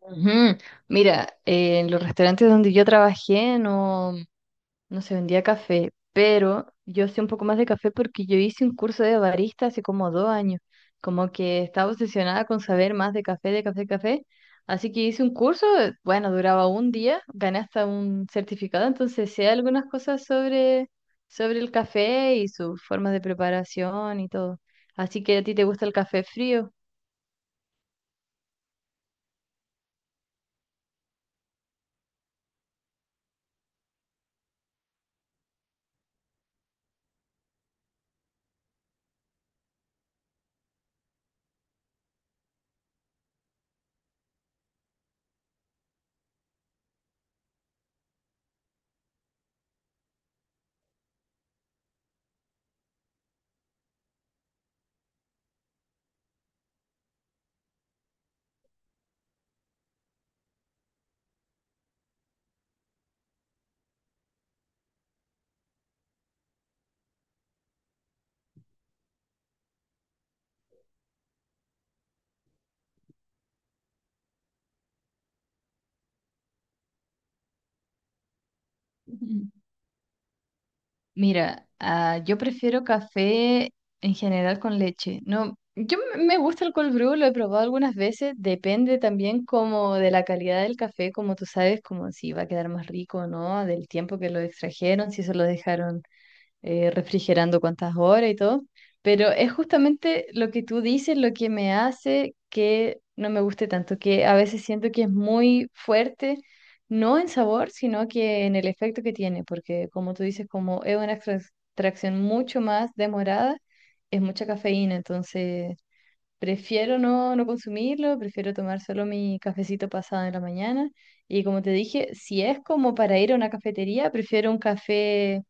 Ujú. Mira, en los restaurantes donde yo trabajé, no se vendía café, pero yo sé un poco más de café porque yo hice un curso de barista hace como 2 años, como que estaba obsesionada con saber más de café, café, así que hice un curso. Bueno duraba un día, gané hasta un certificado, entonces sé algunas cosas sobre, el café y sus formas de preparación y todo. Así que a ti te gusta el café frío. Mira, yo prefiero café en general con leche. No, yo me gusta el cold brew, lo he probado algunas veces, depende también como de la calidad del café, como tú sabes, como si va a quedar más rico o no, del tiempo que lo extrajeron, si se lo dejaron refrigerando cuántas horas y todo, pero es justamente lo que tú dices lo que me hace que no me guste tanto, que a veces siento que es muy fuerte, no en sabor, sino que en el efecto que tiene, porque como tú dices, como es una extracción mucho más demorada, es mucha cafeína, entonces prefiero no consumirlo, prefiero tomar solo mi cafecito pasado en la mañana. Y como te dije, si es como para ir a una cafetería, prefiero un café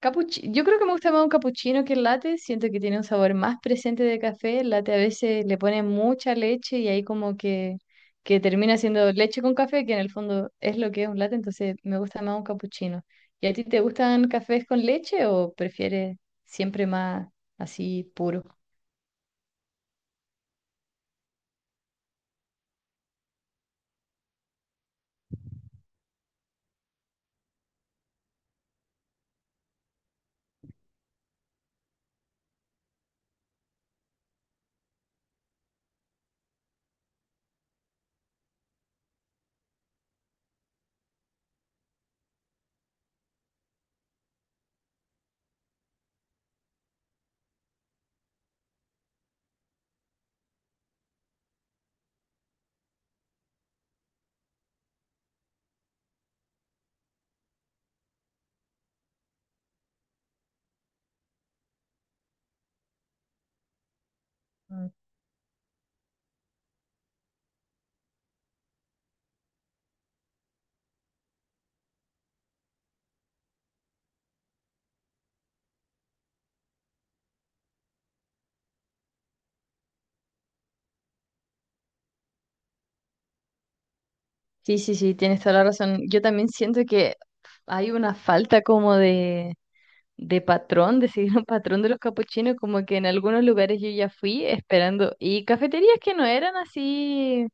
Yo creo que me gusta más un capuchino que el latte. Siento que tiene un sabor más presente de café. El latte a veces le pone mucha leche y ahí como que termina siendo leche con café, que en el fondo es lo que es un latte. Entonces me gusta más un capuchino. ¿Y a ti te gustan cafés con leche o prefieres siempre más así puro? Mm. Sí, sí, sí, tienes toda la razón. Yo también siento que hay una falta como de patrón, de seguir un patrón de los capuchinos, como que en algunos lugares yo ya fui esperando, y cafeterías que no eran así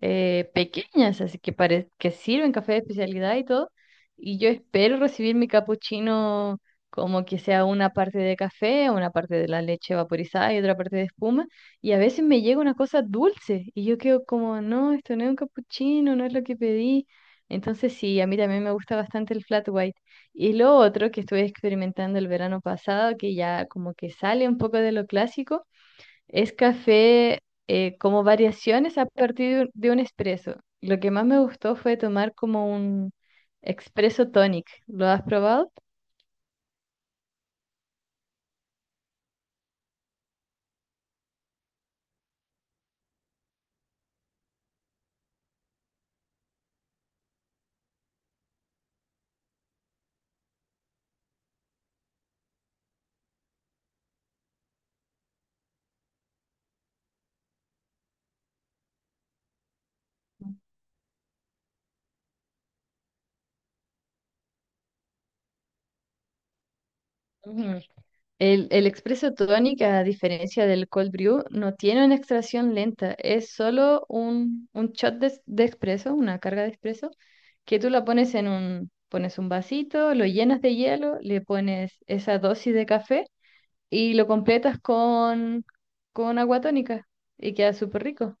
pequeñas, que sirven café de especialidad y todo. Y yo espero recibir mi capuchino como que sea una parte de café, una parte de la leche vaporizada y otra parte de espuma. Y a veces me llega una cosa dulce y yo quedo como, no, esto no es un capuchino, no es lo que pedí. Entonces sí, a mí también me gusta bastante el flat white. Y lo otro que estuve experimentando el verano pasado, que ya como que sale un poco de lo clásico, es café, como variaciones a partir de un espresso. Lo que más me gustó fue tomar como un espresso tonic. ¿Lo has probado? Ujú. El espresso tonic, a diferencia del cold brew, no tiene una extracción lenta, es solo un shot de espresso, una carga de espresso que tú la pones en un, pones un vasito, lo llenas de hielo, le pones esa dosis de café y lo completas con, agua tónica, y queda súper rico.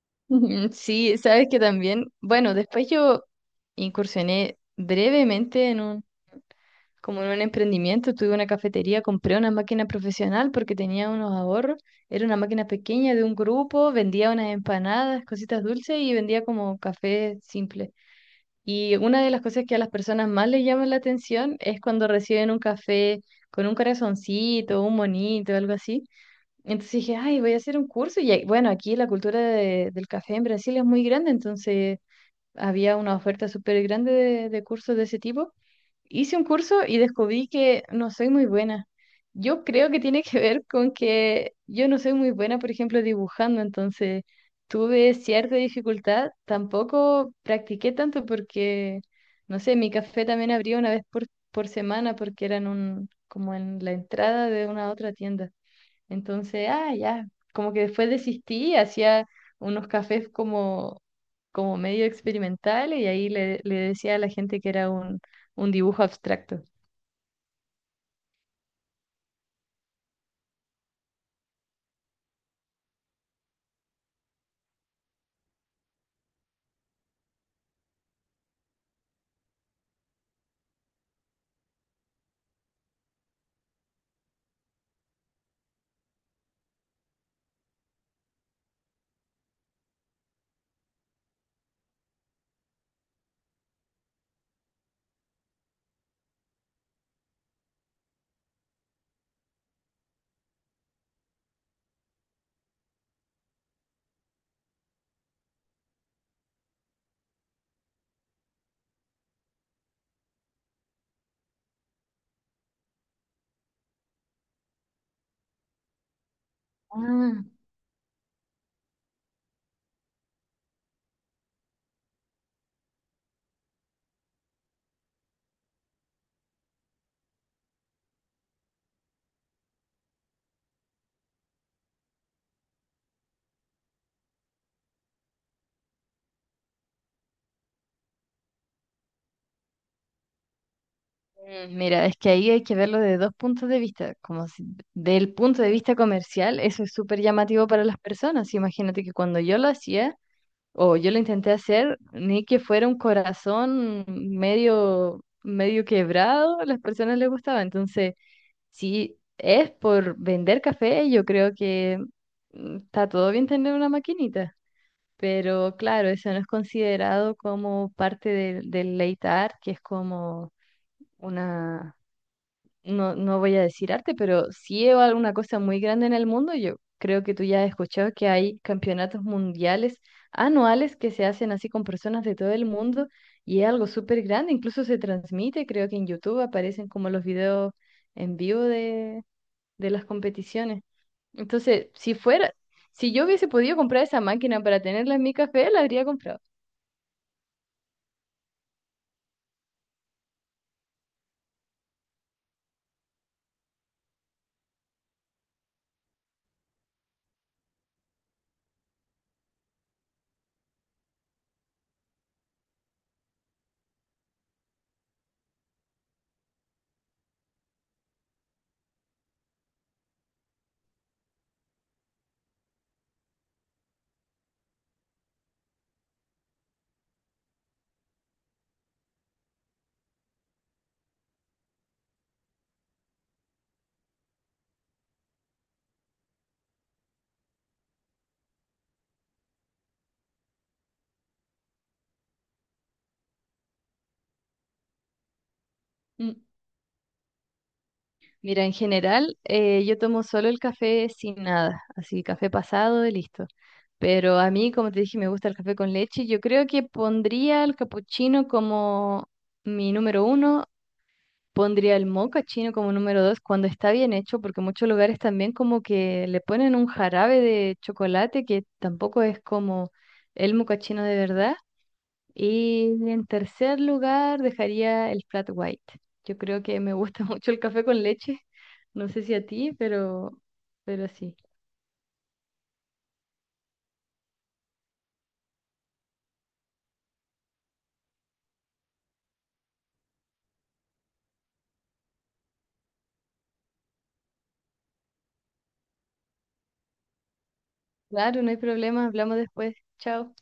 Ujú, sí, sabes que también, bueno, después yo incursioné brevemente en un, como en un emprendimiento, tuve una cafetería, compré una máquina profesional porque tenía unos ahorros, era una máquina pequeña de un grupo, vendía unas empanadas, cositas dulces y vendía como café simple. Y una de las cosas que a las personas más les llama la atención es cuando reciben un café con un corazoncito, un monito, algo así. Entonces dije, ay, voy a hacer un curso. Bueno, aquí la cultura del café en Brasil es muy grande, entonces había una oferta súper grande de, cursos de ese tipo. Hice un curso y descubrí que no soy muy buena. Yo creo que tiene que ver con que yo no soy muy buena, por ejemplo, dibujando, entonces tuve cierta dificultad. Tampoco practiqué tanto porque, no sé, mi café también abría una vez por, semana porque eran un, como en la entrada de una otra tienda. Entonces, ah, ya, como que después desistí, hacía unos cafés como, como medio experimentales y ahí le decía a la gente que era un, dibujo abstracto. Ah. Mm, mira, es que ahí hay que verlo de dos puntos de vista. Como si, del punto de vista comercial, eso es súper llamativo para las personas. Imagínate que cuando yo lo hacía o yo lo intenté hacer, ni que fuera un corazón medio, medio quebrado, a las personas les gustaba. Entonces, si es por vender café, yo creo que mm, está todo bien tener una maquinita, pero claro, eso no es considerado como parte del late art, que es como una, no, no voy a decir arte, pero sí es alguna cosa muy grande en el mundo. Yo creo que tú ya has escuchado que hay campeonatos mundiales anuales que se hacen así con personas de todo el mundo y es algo súper grande, incluso se transmite, creo que en YouTube aparecen como los videos en vivo de las competiciones. Entonces, si yo hubiese podido comprar esa máquina para tenerla en mi café, la habría comprado. Mm. Mira, en general, yo tomo solo el café sin nada, así café pasado y listo. Pero a mí, como te dije, me gusta el café con leche. Yo creo que pondría el capuchino como mi número uno, pondría el mocha chino como número dos cuando está bien hecho, porque muchos lugares también como que le ponen un jarabe de chocolate que tampoco es como el mocha chino de verdad. Y en tercer lugar dejaría el flat white. Yo creo que me gusta mucho el café con leche. No sé si a ti, pero sí. Claro, no hay problema, hablamos después. Chao.